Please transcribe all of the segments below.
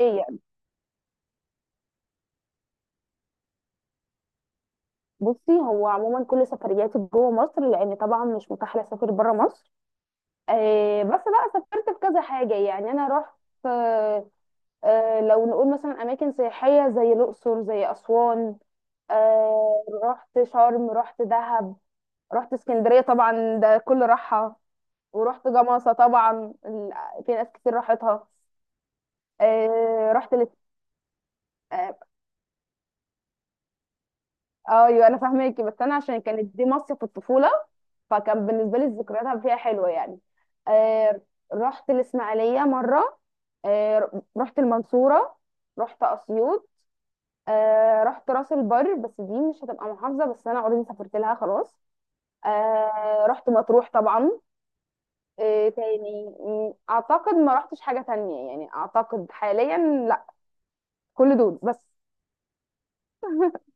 ايه يعني؟ بصي هو عموما كل سفرياتي جوه مصر، لان طبعا مش متاح لي اسافر بره مصر. بس بقى سافرت في كذا حاجه، يعني انا رحت. آه، آه، لو نقول مثلا اماكن سياحيه زي الاقصر، زي اسوان. آه رحت شرم، رحت دهب. رحت اسكندريه، طبعا ده كل راحه. ورحت جمصه، طبعا في ناس كتير راحتها. آه رحت آه. آه، ايوه، انا فاهماكي، بس انا عشان كانت دي مصيف في الطفوله، فكان بالنسبه لي الذكريات فيها حلوه يعني. آه. رحت الاسماعيليه مره. آه رحت المنصوره. رحت اسيوط. آه رحت راس البر، بس دي مش هتبقى محافظه، بس انا اوريدي سافرت لها خلاص. آه رحت مطروح طبعا. آه تاني اعتقد ما رحتش حاجه تانية يعني، اعتقد حاليا. لا، كل دول بس.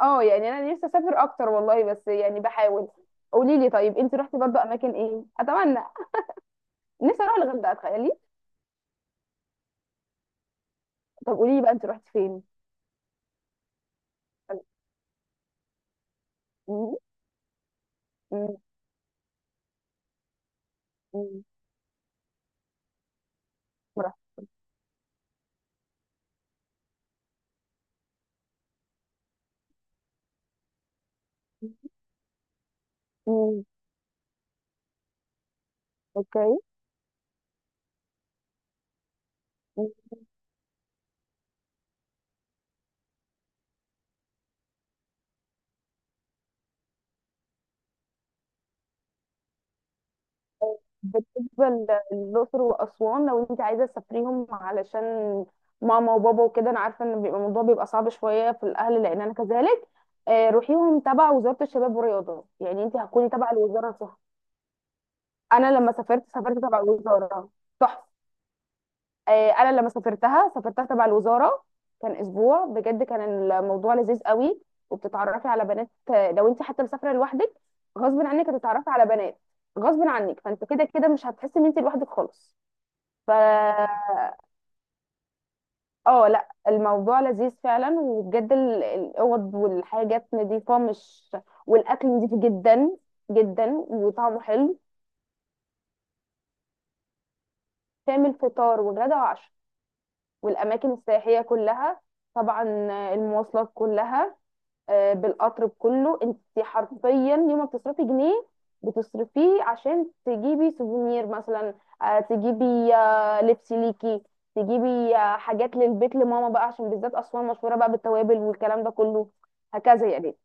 اه يعني انا نفسي اسافر اكتر والله، بس يعني بحاول. قولي لي طيب، انت رحتي برضه اماكن ايه؟ اتمنى. نفسي اروح الغردقه تخيلي. طب قولي لي بقى، انت رحتي فين؟ مم. مم. مم. ما رحت. مم. اوكي. مم. بالنسبه للاقصر واسوان، لو انت عايزه تسافريهم علشان ماما وبابا وكده، انا عارفه ان بيبقى الموضوع بيبقى صعب شويه في الاهل، لان انا كذلك. روحيهم تبع وزاره الشباب والرياضه، يعني انت هتكوني تبع الوزاره صح؟ انا لما سافرت سافرت تبع الوزاره. تحفه. انا لما سافرتها سافرتها تبع الوزاره. كان اسبوع بجد، كان الموضوع لذيذ قوي. وبتتعرفي على بنات، لو انت حتى مسافره لوحدك، غصب عنك هتتعرفي على بنات، غصب عنك، فانت كده كده مش هتحسي ان انت لوحدك خالص. ف اه لا، الموضوع لذيذ فعلا، وبجد الاوض والحاجات نظيفه، مش، والاكل نظيف جدا جدا، وطعمه حلو. تعمل فطار وغدا وعشاء، والاماكن السياحيه كلها، طبعا المواصلات كلها. آه، بالقطر بكله، انت حرفيا يوم ما بتصرفي جنيه بتصرفيه عشان تجيبي سوفونير مثلا، تجيبي لبس ليكي، تجيبي حاجات للبيت لماما بقى، عشان بالذات اسوان مشهوره بقى بالتوابل والكلام ده كله، هكذا يعني.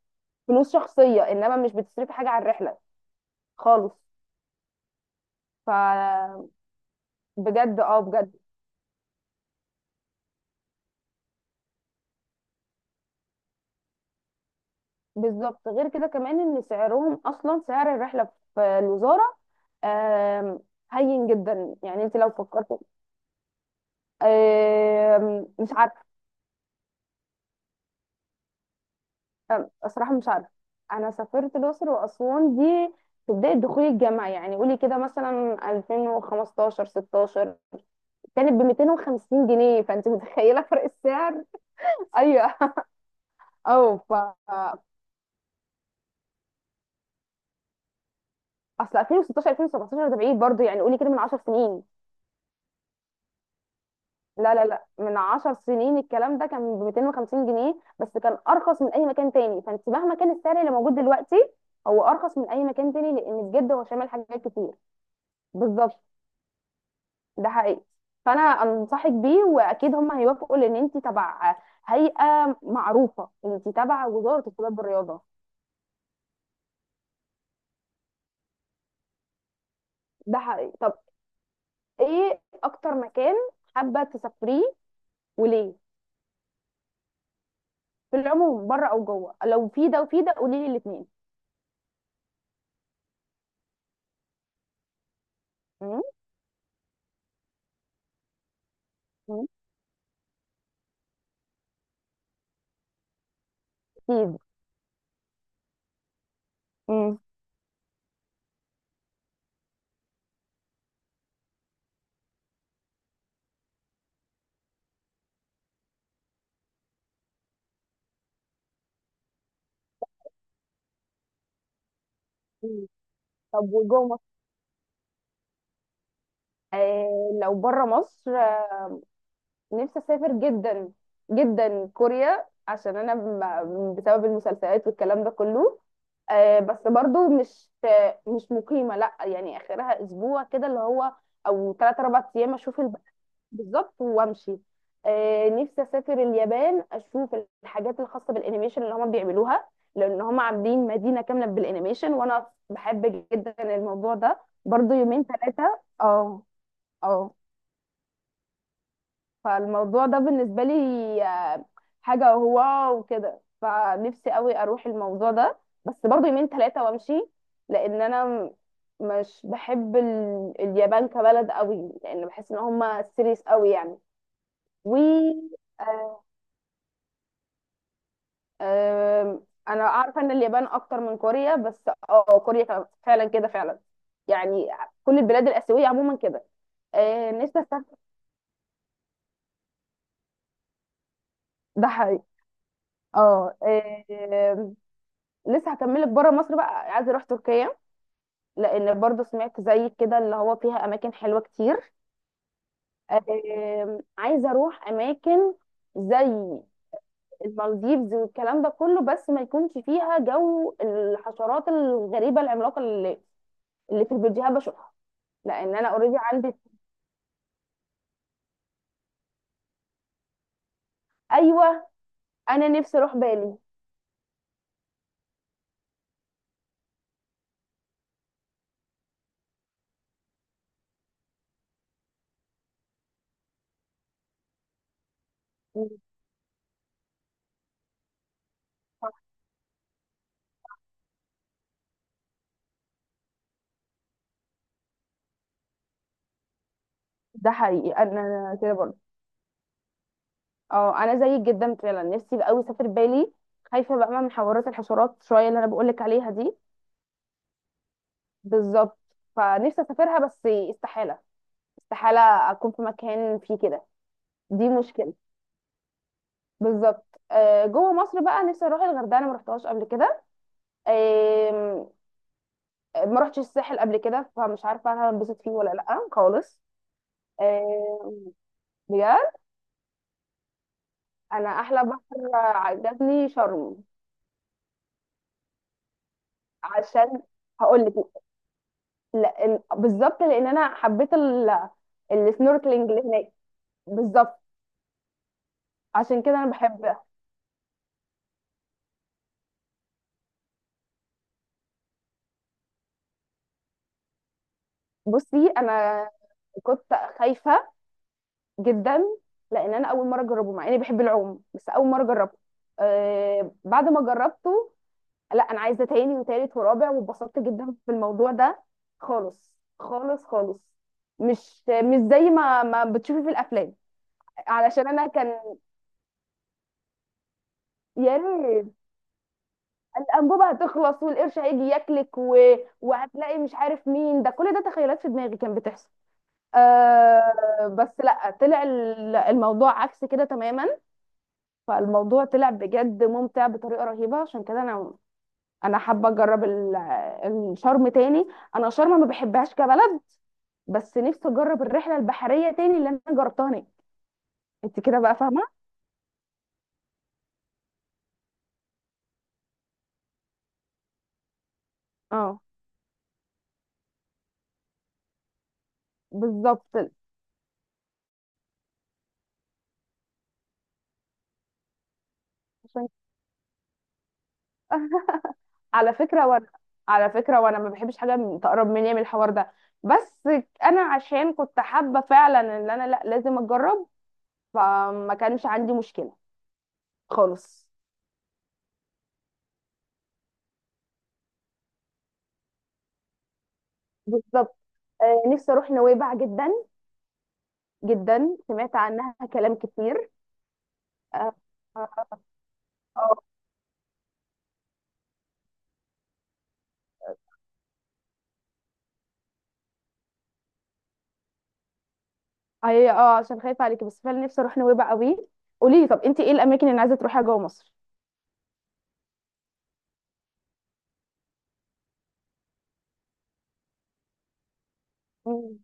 فلوس شخصيه، انما مش بتصرفي حاجه على الرحله خالص. ف بجد، اه بجد. بالظبط، غير كده كمان ان سعرهم، اصلا سعر الرحله في الوزاره آم، هين جدا، يعني انت لو فكرت. مش عارفه. الصراحه مش عارفه. انا سافرت الاقصر واسوان دي في بدايه دخولي الجامعه، يعني قولي كده مثلا 2015 16، كانت ب 250 جنيه، فانت متخيله فرق السعر؟ ايوه. او ف اصل 2016 2017 ده بعيد برضه، يعني قولي كده من 10 سنين. لا لا لا، من 10 سنين الكلام ده كان ب 250 جنيه، بس كان ارخص من اي مكان تاني، فانت مهما كان السعر اللي موجود دلوقتي، هو ارخص من اي مكان تاني، لان بجد هو شامل حاجات كتير. بالظبط، ده حقيقي. فانا انصحك بيه، واكيد هم هيوافقوا، لان انت تبع هيئه معروفه، انت تبع وزاره الشباب والرياضه. ده حقيقي. طب، ايه اكتر مكان حابه تسافريه وليه؟ في العموم، بره او جوه، لو في ده وفي ده قولي لي الاثنين. اكيد. مم. طب وجوه مصر؟ آه لو بره مصر، نفسي اسافر جدا جدا كوريا، عشان انا بسبب المسلسلات والكلام ده كله. آه، بس برضو مش مقيمة، لا، يعني اخرها اسبوع كده، اللي هو او ثلاث اربع ايام اشوف البلد. بالظبط وامشي. نفسي اسافر اليابان، اشوف الحاجات الخاصة بالانيميشن اللي هم بيعملوها، لان هم عاملين مدينة كاملة بالانيميشن، وانا بحب جدا الموضوع ده، برضو يومين ثلاثة، اه. اه. فالموضوع ده بالنسبة لي آه، حاجة واو وكده، فنفسي قوي اروح الموضوع ده، بس برضه يومين ثلاثة وامشي. لان انا مش بحب اليابان كبلد قوي، لان بحس ان هم سيريس قوي يعني. و آم، انا عارفة ان اليابان اكتر من كوريا، بس اه كوريا فعلا كده فعلا يعني. كل البلاد الآسيوية عموما كده. آه، نفسي أسافر. ده حقيقي. اه، آه، لسه هكملك. بره مصر بقى عايزه اروح تركيا، لان برضو سمعت زيك كده اللي هو فيها اماكن حلوه كتير. عايزه اروح اماكن زي المالديفز والكلام ده كله، بس ما يكونش فيها جو الحشرات الغريبه العملاقه اللي في الفيديوهات بشوفها، لان انا اوريدي عندي. ايوه. انا نفسي اروح بالي. ده حقيقي، انا كده برضه. اه انا زيك جدا فعلا، نفسي قوي اسافر بالي. خايفه بقى من حوارات الحشرات شويه اللي انا بقولك عليها دي. بالظبط، فنفسي اسافرها بس استحاله. استحاله اكون في مكان فيه كده. دي مشكله. بالظبط. جوه مصر بقى نفسي اروح الغردقه، انا ما رحتهاش قبل كده. آم، ما رحتش الساحل قبل كده، فمش عارفه انا هنبسط فيه ولا لا خالص. آم، بجد. انا احلى بحر عجبني شرم. عشان هقول لك، لا بالظبط، لان انا حبيت السنوركلينج اللي هناك. بالظبط، عشان كده انا بحب. بصي انا كنت خايفه جدا، لان انا اول مره اجربه، مع اني بحب العوم، بس اول مره جربته. آه بعد ما جربته، لا انا عايزه تاني وتالت ورابع، واتبسطت جدا في الموضوع ده، خالص خالص خالص. مش زي ما بتشوفي في الافلام. علشان انا كان، يا ريت، الانبوبه هتخلص، والقرش هيجي ياكلك، وهتلاقي مش عارف مين، ده كل ده تخيلات في دماغي كانت بتحصل. آه بس لا، طلع الموضوع عكس كده تماما. فالموضوع طلع بجد ممتع بطريقه رهيبه، عشان كده انا حابه اجرب الشرم تاني. انا شرم ما بحبهاش كبلد، بس نفسي اجرب الرحله البحريه تاني اللي انا جربتها هناك. انت كده بقى فاهمه. اه بالظبط، عشان على فكره وانا، على فكره وانا ما بحبش حاجه تقرب مني من الحوار ده، بس انا عشان كنت حابه فعلا ان انا لا لازم اجرب، فما كانش عندي مشكله خالص. بالظبط. نفسي اروح نويبع جدا جدا، سمعت عنها كلام كتير. اه. اه. آه. هي اه، عشان خايفة عليكي، بس فعلا نفسي اروح نويبع قوي. قولي لي طب، انت ايه الاماكن اللي عايزة تروحيها جوه مصر؟ مم.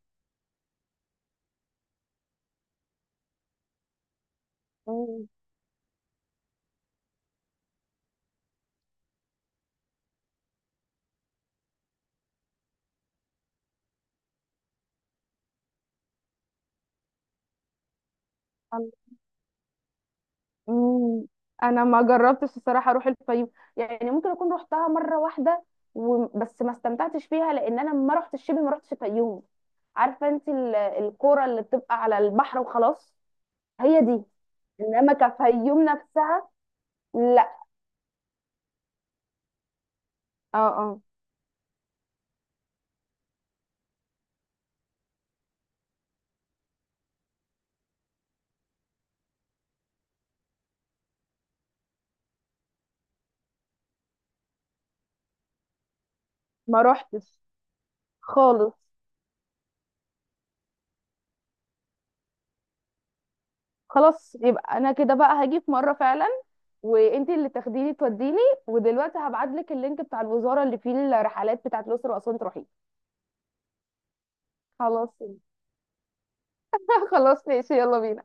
مم. عن- مم. انا ما جربتش الصراحة اروح الفيوم، يعني ممكن اكون روحتها مرة واحدة بس ما استمتعتش فيها، لان انا ما رحتش شبه، ما رحتش الفيوم، عارفة انت الكورة اللي بتبقى على البحر وخلاص. هي دي، انما كفيوم نفسها. لا. اه اه. ما روحتش خالص. خلاص يبقى انا كده بقى هاجي في مره فعلا، وانت اللي تاخديني توديني. ودلوقتي هبعتلك اللينك بتاع الوزاره اللي فيه الرحلات بتاعت الاقصر واسوان تروحي. خلاص. خلاص ماشي، يلا بينا.